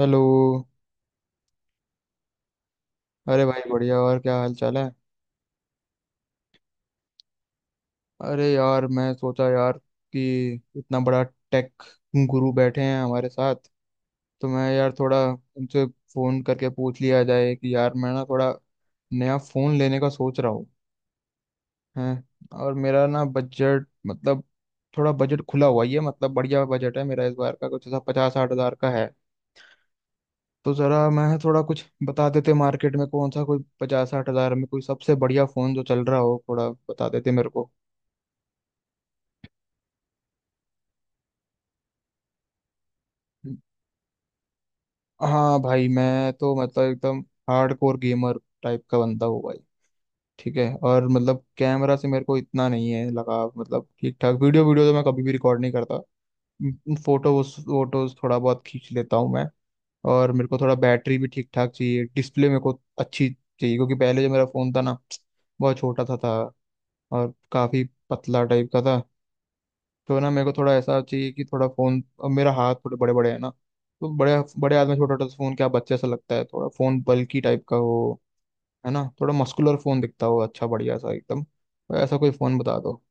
Hello. अरे भाई, बढ़िया। और क्या हाल चाल है? अरे यार, मैं सोचा यार कि इतना बड़ा टेक गुरु बैठे हैं हमारे साथ, तो मैं यार थोड़ा उनसे फ़ोन करके पूछ लिया जाए कि यार मैं ना थोड़ा नया फ़ोन लेने का सोच रहा हूँ। हैं, और मेरा ना बजट मतलब थोड़ा बजट खुला हुआ ही है, मतलब बढ़िया बजट है मेरा इस बार का, कुछ ऐसा 50-60 हज़ार का है। तो जरा मैं थोड़ा कुछ बता देते मार्केट में कौन सा, कोई 50-60 हजार में कोई सबसे बढ़िया फोन जो चल रहा हो, थोड़ा बता देते मेरे को। हाँ भाई, मैं तो मतलब एकदम हार्डकोर गेमर टाइप का बंदा हूँ भाई। ठीक है, और मतलब कैमरा से मेरे को इतना नहीं है लगाव, मतलब ठीक ठाक। वीडियो वीडियो तो मैं कभी भी रिकॉर्ड नहीं करता। फोटो फोटोज थोड़ा बहुत खींच लेता हूँ मैं। और मेरे को थोड़ा बैटरी भी ठीक ठाक चाहिए, डिस्प्ले मेरे को अच्छी चाहिए, क्योंकि पहले जो मेरा फोन था ना, बहुत छोटा सा था और काफी पतला टाइप का था। तो ना मेरे को थोड़ा ऐसा चाहिए कि थोड़ा फोन, अब मेरा हाथ थोड़े बड़े बड़े है ना, तो बड़े बड़े हाथ में छोटा छोटा फोन क्या बच्चे सा लगता है, थोड़ा फोन बल्की टाइप का हो। है ना, थोड़ा मस्कुलर फोन दिखता हो, अच्छा बढ़िया सा एकदम। तो ऐसा कोई फोन बता दो।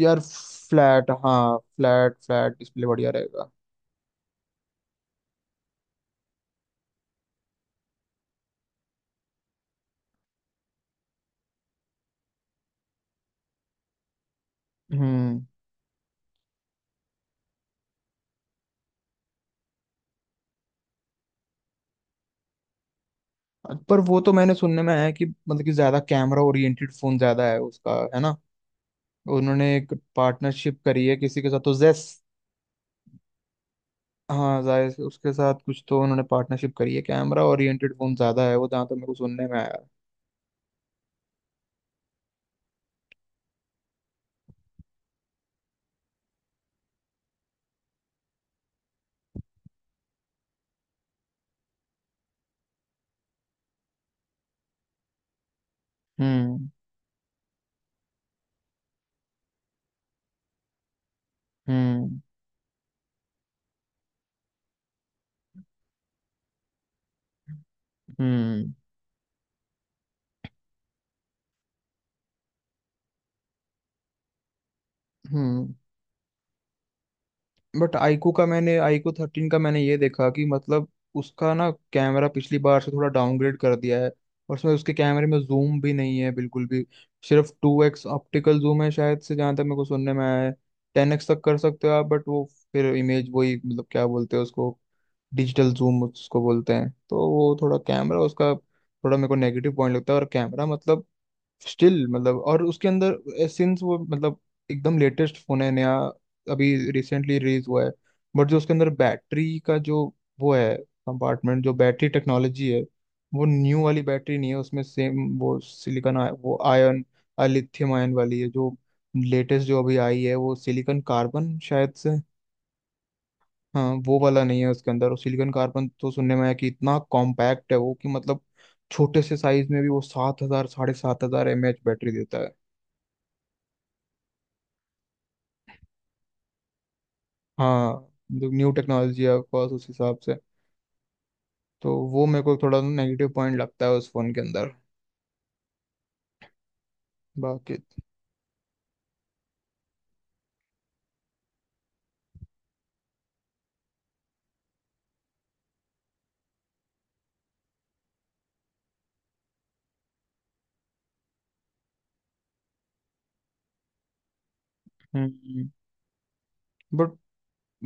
यार फ्लैट, हाँ, फ्लैट फ्लैट डिस्प्ले बढ़िया रहेगा। हम्म। पर वो तो मैंने सुनने में है कि मतलब कि ज्यादा कैमरा ओरिएंटेड फोन ज्यादा है उसका, है ना? उन्होंने एक पार्टनरशिप करी है किसी के साथ तो जेस। हाँ, जाहिर से उसके साथ कुछ तो उन्होंने पार्टनरशिप करी है, कैमरा ओरिएंटेड फोन ज्यादा है वो, जहाँ तो मेरे को सुनने में आया। हम्म। हम्म। हम्म। हम्म। बट iQOO 13 का मैंने ये देखा कि मतलब उसका ना कैमरा पिछली बार से थोड़ा डाउनग्रेड कर दिया है, और उसमें उसके कैमरे में जूम भी नहीं है बिल्कुल भी। सिर्फ 2x ऑप्टिकल जूम है शायद से, जहाँ तक मेरे को सुनने में आया है। 10x तक कर सकते हो आप, बट वो फिर इमेज वही, मतलब क्या बोलते हैं उसको, डिजिटल जूम उसको बोलते हैं। तो वो थोड़ा कैमरा उसका थोड़ा मेरे को नेगेटिव पॉइंट लगता है। और कैमरा मतलब स्टिल, मतलब और उसके अंदर सिंस वो मतलब एकदम लेटेस्ट फोन है, नया, अभी रिसेंटली रिलीज हुआ है। बट जो उसके अंदर बैटरी का जो वो है कंपार्टमेंट, जो बैटरी टेक्नोलॉजी है, वो न्यू वाली बैटरी नहीं है उसमें, सेम वो सिलिकॉन वो आयन, लिथियम आयन वाली है। जो लेटेस्ट जो अभी आई है वो सिलिकॉन कार्बन शायद से, हाँ, वो वाला नहीं है उसके अंदर। और सिलिकॉन कार्बन तो सुनने में आया कि इतना कॉम्पैक्ट है वो कि मतलब छोटे से साइज में भी वो 7 हजार, 7.5 हजार एम एच बैटरी देता है। हाँ, न्यू टेक्नोलॉजी है ऑफकोर्स उस हिसाब से। तो वो मेरे को थोड़ा नेगेटिव पॉइंट लगता है उस फोन के अंदर। बाकी हम्म। बट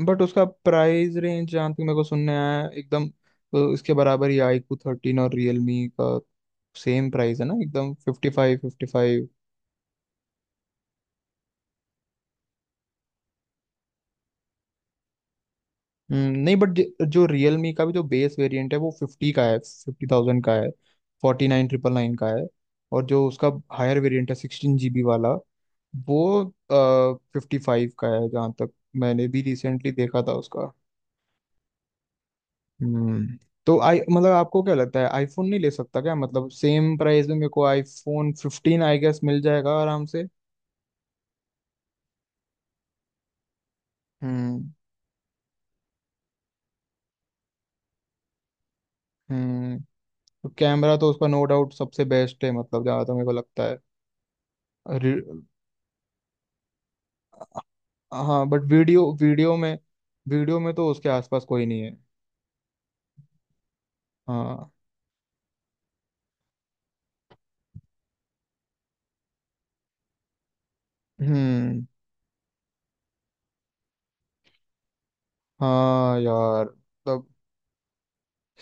बट उसका प्राइस रेंज जहाँ तक मेरे को सुनने आया है, एकदम इसके बराबर ही iQOO 13 और रियलमी का सेम प्राइस है ना एकदम, 55। नहीं, बट जो रियलमी का भी जो बेस वेरिएंट है वो 50 का है, 50,000 का है, 49,999 का है। और जो उसका हायर वेरिएंट है 16 GB वाला, वो 55 का है जहाँ तक मैंने भी रिसेंटली देखा था उसका। हम्म। तो आई मतलब आपको क्या लगता है, आईफोन नहीं ले सकता क्या, मतलब सेम प्राइस में मेरे को iPhone 15 आई गेस मिल जाएगा आराम से। हम्म। हम्म। तो कैमरा तो उसका नो डाउट सबसे बेस्ट है, मतलब जहाँ तक मेरे को लगता है। हाँ बट वीडियो, वीडियो में, वीडियो में तो उसके आसपास कोई नहीं है। हाँ। हम्म। हाँ यार। तब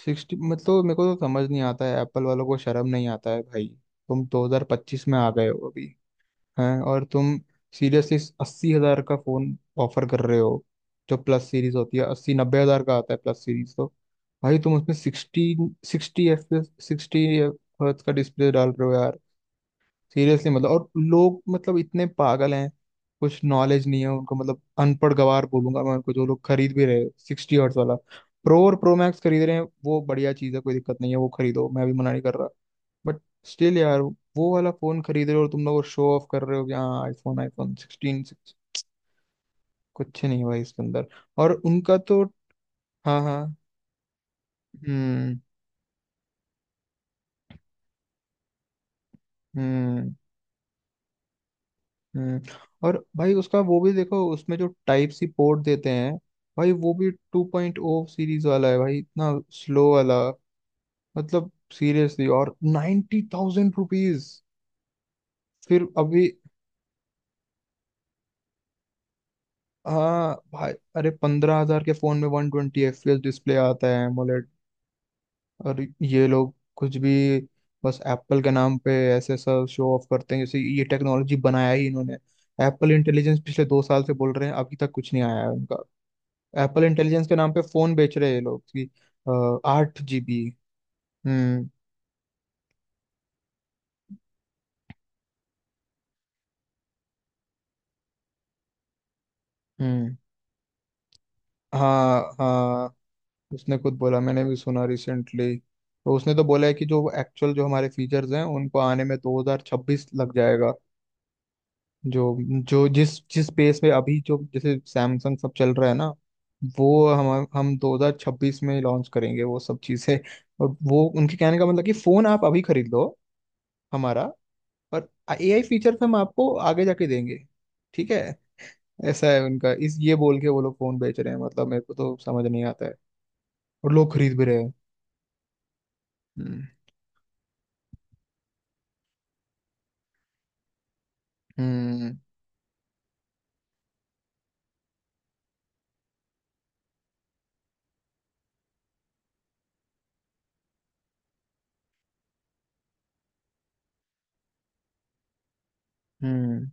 सिक्सटी, मतलब मेरे को तो समझ नहीं आता है, एप्पल वालों को शर्म नहीं आता है भाई, तुम 2025 में आ गए हो अभी। हैं, और तुम सीरियसली 80 हजार का फोन ऑफर कर रहे हो। जो प्लस सीरीज होती है 80-90 हजार का आता है प्लस सीरीज, तो भाई तुम उसमें सिक्सटी, सिक्सटी एफ, 60 Hz का डिस्प्ले डाल रहे हो? सीरियसली, मतलब। और लोग मतलब इतने पागल हैं, कुछ नॉलेज नहीं है उनको, मतलब अनपढ़ गवार बोलूंगा मैं उनको, जो लोग खरीद भी रहे 60 Hz वाला। प्रो और प्रो मैक्स खरीद रहे हैं वो बढ़िया चीज़ है, कोई दिक्कत नहीं है, वो खरीदो, मैं भी मना नहीं कर रहा। बट स्टिल यार, वो वाला फोन खरीद रहे हो और तुम लोग शो ऑफ कर रहे हो कि हाँ आईफोन, iPhone 16। कुछ नहीं है भाई इसके अंदर। और उनका तो हाँ, हाँ। हम्म। हम्म। हम्म। और भाई उसका वो भी देखो, उसमें जो टाइप सी पोर्ट देते हैं, भाई वो भी 2.0 सीरीज वाला है भाई, इतना स्लो वाला, मतलब सीरियसली। और 90,000 रुपीज। फिर अभी हाँ भाई, अरे 15 हजार के फोन में 120 FPS डिस्प्ले आता है AMOLED। और ये लोग कुछ भी, बस एप्पल के नाम पे ऐसे सब शो ऑफ करते हैं जैसे ये टेक्नोलॉजी बनाया ही इन्होंने। एप्पल इंटेलिजेंस पिछले 2 साल से बोल रहे हैं, अभी तक कुछ नहीं आया है उनका। एप्पल इंटेलिजेंस के नाम पे फोन बेच रहे हैं ये लोग कि 8 GB। हम्म। हम्म। हाँ, हाँ, उसने खुद बोला, मैंने भी सुना रिसेंटली, तो उसने तो बोला है कि जो एक्चुअल जो हमारे फीचर्स हैं उनको आने में 2026 लग जाएगा। जो जो जिस जिस पेस पे अभी जो जैसे सैमसंग सब चल रहा है ना, वो हम 2026 में लॉन्च करेंगे वो सब चीज़ें। और वो उनके कहने का मतलब कि फ़ोन आप अभी खरीद लो हमारा, और एआई फीचर्स हम आपको आगे जाके देंगे, ठीक है। ऐसा है उनका, इस ये बोल के वो लोग फोन बेच रहे हैं, मतलब मेरे को तो समझ नहीं आता है। और लोग खरीद भी रहे हैं। हम्म। हम्म। हम्म।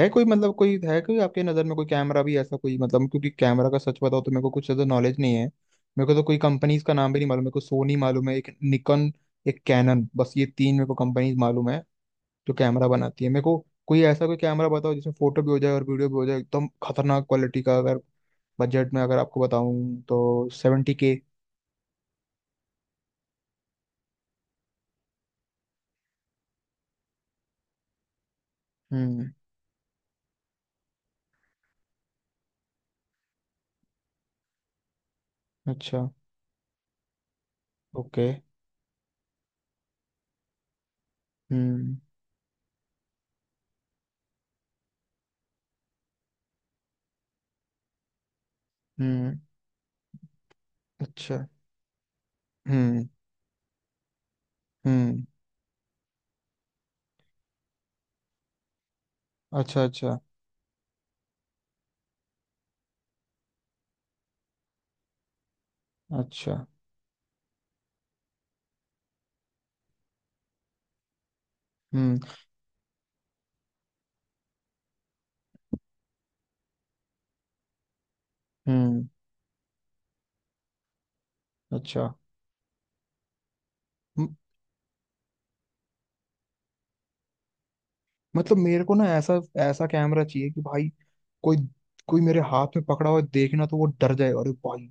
है कोई, मतलब कोई है कोई आपके नज़र में कोई कैमरा भी ऐसा कोई, मतलब क्योंकि कैमरा का सच बताओ तो मेरे को कुछ ज़्यादा नॉलेज नहीं है। मेरे को तो कोई कंपनीज का नाम भी नहीं मालूम, मेरे को सोनी मालूम है, एक निकॉन, एक कैनन, बस ये तीन मेरे को कंपनीज मालूम है जो कैमरा बनाती है। मेरे को कोई ऐसा कोई कैमरा बताओ जिसमें फोटो भी हो जाए और वीडियो भी हो जाए एकदम खतरनाक क्वालिटी का। अगर बजट में अगर आपको बताऊं तो 70 के। हम्म। अच्छा। ओके। हम्म। हम्म। अच्छा। हम्म। हम्म। अच्छा, अच्छा। अच्छा। हम्म। हम्म। अच्छा, मतलब मेरे को ना ऐसा, ऐसा कैमरा चाहिए कि भाई कोई, कोई मेरे हाथ में पकड़ा हुआ देखे ना तो वो डर जाए, अरे भाई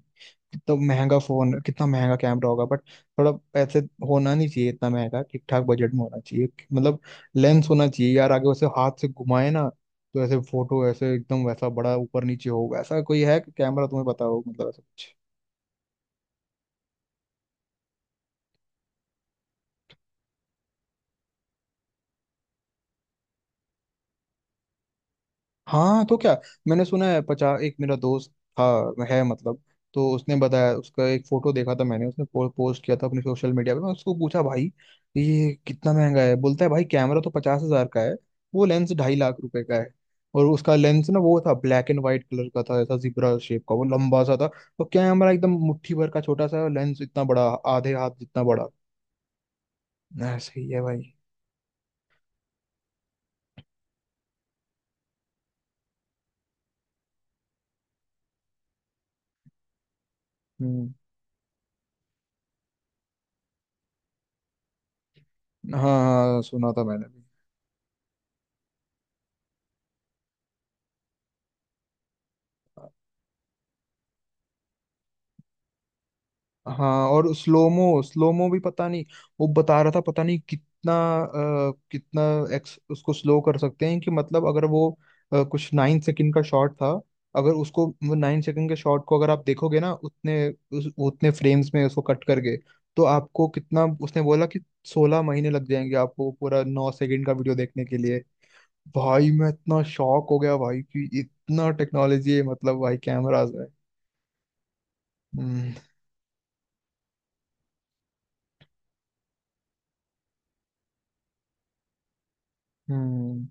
कितना महंगा फोन, कितना महंगा कैमरा होगा। बट थोड़ा ऐसे होना नहीं चाहिए इतना महंगा, ठीक ठाक बजट में होना चाहिए, मतलब। लेंस होना चाहिए यार आगे वैसे, हाथ से घुमाए ना तो ऐसे फोटो ऐसे एकदम वैसा बड़ा ऊपर नीचे हो, ऐसा कोई है कि कैमरा तुम्हें पता हो, मतलब ऐसा कुछ। हाँ तो क्या, मैंने सुना है, पचास, एक मेरा दोस्त था, है मतलब, तो उसने बताया, उसका एक फोटो देखा था मैंने, उसने पोस्ट किया था अपने सोशल मीडिया पे, मैं उसको पूछा भाई ये कितना महंगा है। बोलता है भाई कैमरा तो 50,000 का है, वो लेंस 2.5 लाख रुपए का है। और उसका लेंस ना, वो था ब्लैक एंड व्हाइट कलर का था, ऐसा जिब्रा शेप का, वो लंबा सा था। तो कैमरा एकदम मुट्ठी भर का छोटा सा है और लेंस इतना बड़ा, आधे हाथ जितना बड़ा, ऐसे ही है भाई। हम्म। हाँ, हाँ सुना था मैंने भी। हाँ, और स्लोमो, स्लोमो भी पता नहीं, वो बता रहा था पता नहीं कितना, कितना एक्स उसको स्लो कर सकते हैं, कि मतलब अगर वो कुछ 9 सेकंड का शॉट था, अगर उसको वो 9 सेकंड के शॉट को अगर आप देखोगे ना उतने उतने फ्रेम्स में उसको कट करके, तो आपको कितना, उसने बोला कि 16 महीने लग जाएंगे आपको पूरा 9 सेकंड का वीडियो देखने के लिए। भाई मैं इतना शॉक हो गया भाई कि इतना टेक्नोलॉजी है, मतलब भाई कैमराज है। हम्म। हम्म।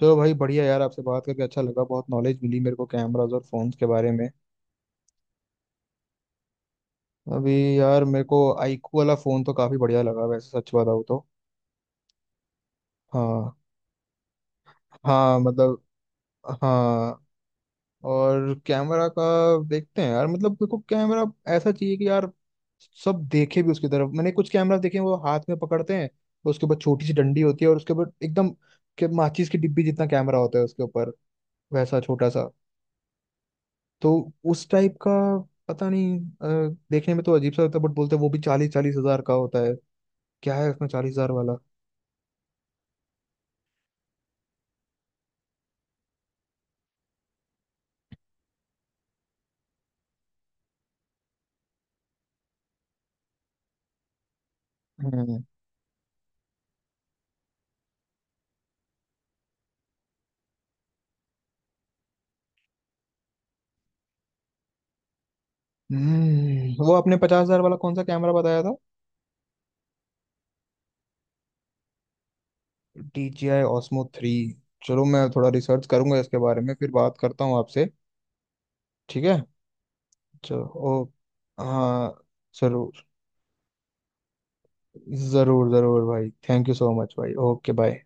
चलो भाई बढ़िया, यार आपसे बात करके अच्छा लगा, बहुत नॉलेज मिली मेरे को कैमरास और फोन्स के बारे में। अभी यार मेरे को आईक्यू वाला फोन तो काफी बढ़िया लगा वैसे, सच बताऊँ तो। हाँ। हाँ, मतलब। हाँ, और कैमरा का देखते हैं यार, मतलब मेरे को कैमरा ऐसा चाहिए कि यार सब देखे भी उसकी तरफ। मैंने कुछ कैमरा देखे हैं, वो हाथ में पकड़ते हैं, उसके ऊपर छोटी सी डंडी होती है, और उसके ऊपर एकदम के माचिस की डिब्बी जितना कैमरा होता है उसके ऊपर, वैसा छोटा सा, तो उस टाइप का। पता नहीं, देखने में तो अजीब सा लगता है बट बोलते हैं वो भी 40-40 हजार का होता है। क्या है उसमें 40 हजार वाला? हम्म। वो आपने 50,000 वाला कौन सा कैमरा बताया था? DJI Osmo 3। चलो, मैं थोड़ा रिसर्च करूंगा इसके बारे में, फिर बात करता हूँ आपसे, ठीक है। चलो। ओ। हाँ। जरूर, जरूर, जरूर भाई, थैंक यू सो मच भाई, ओके बाय।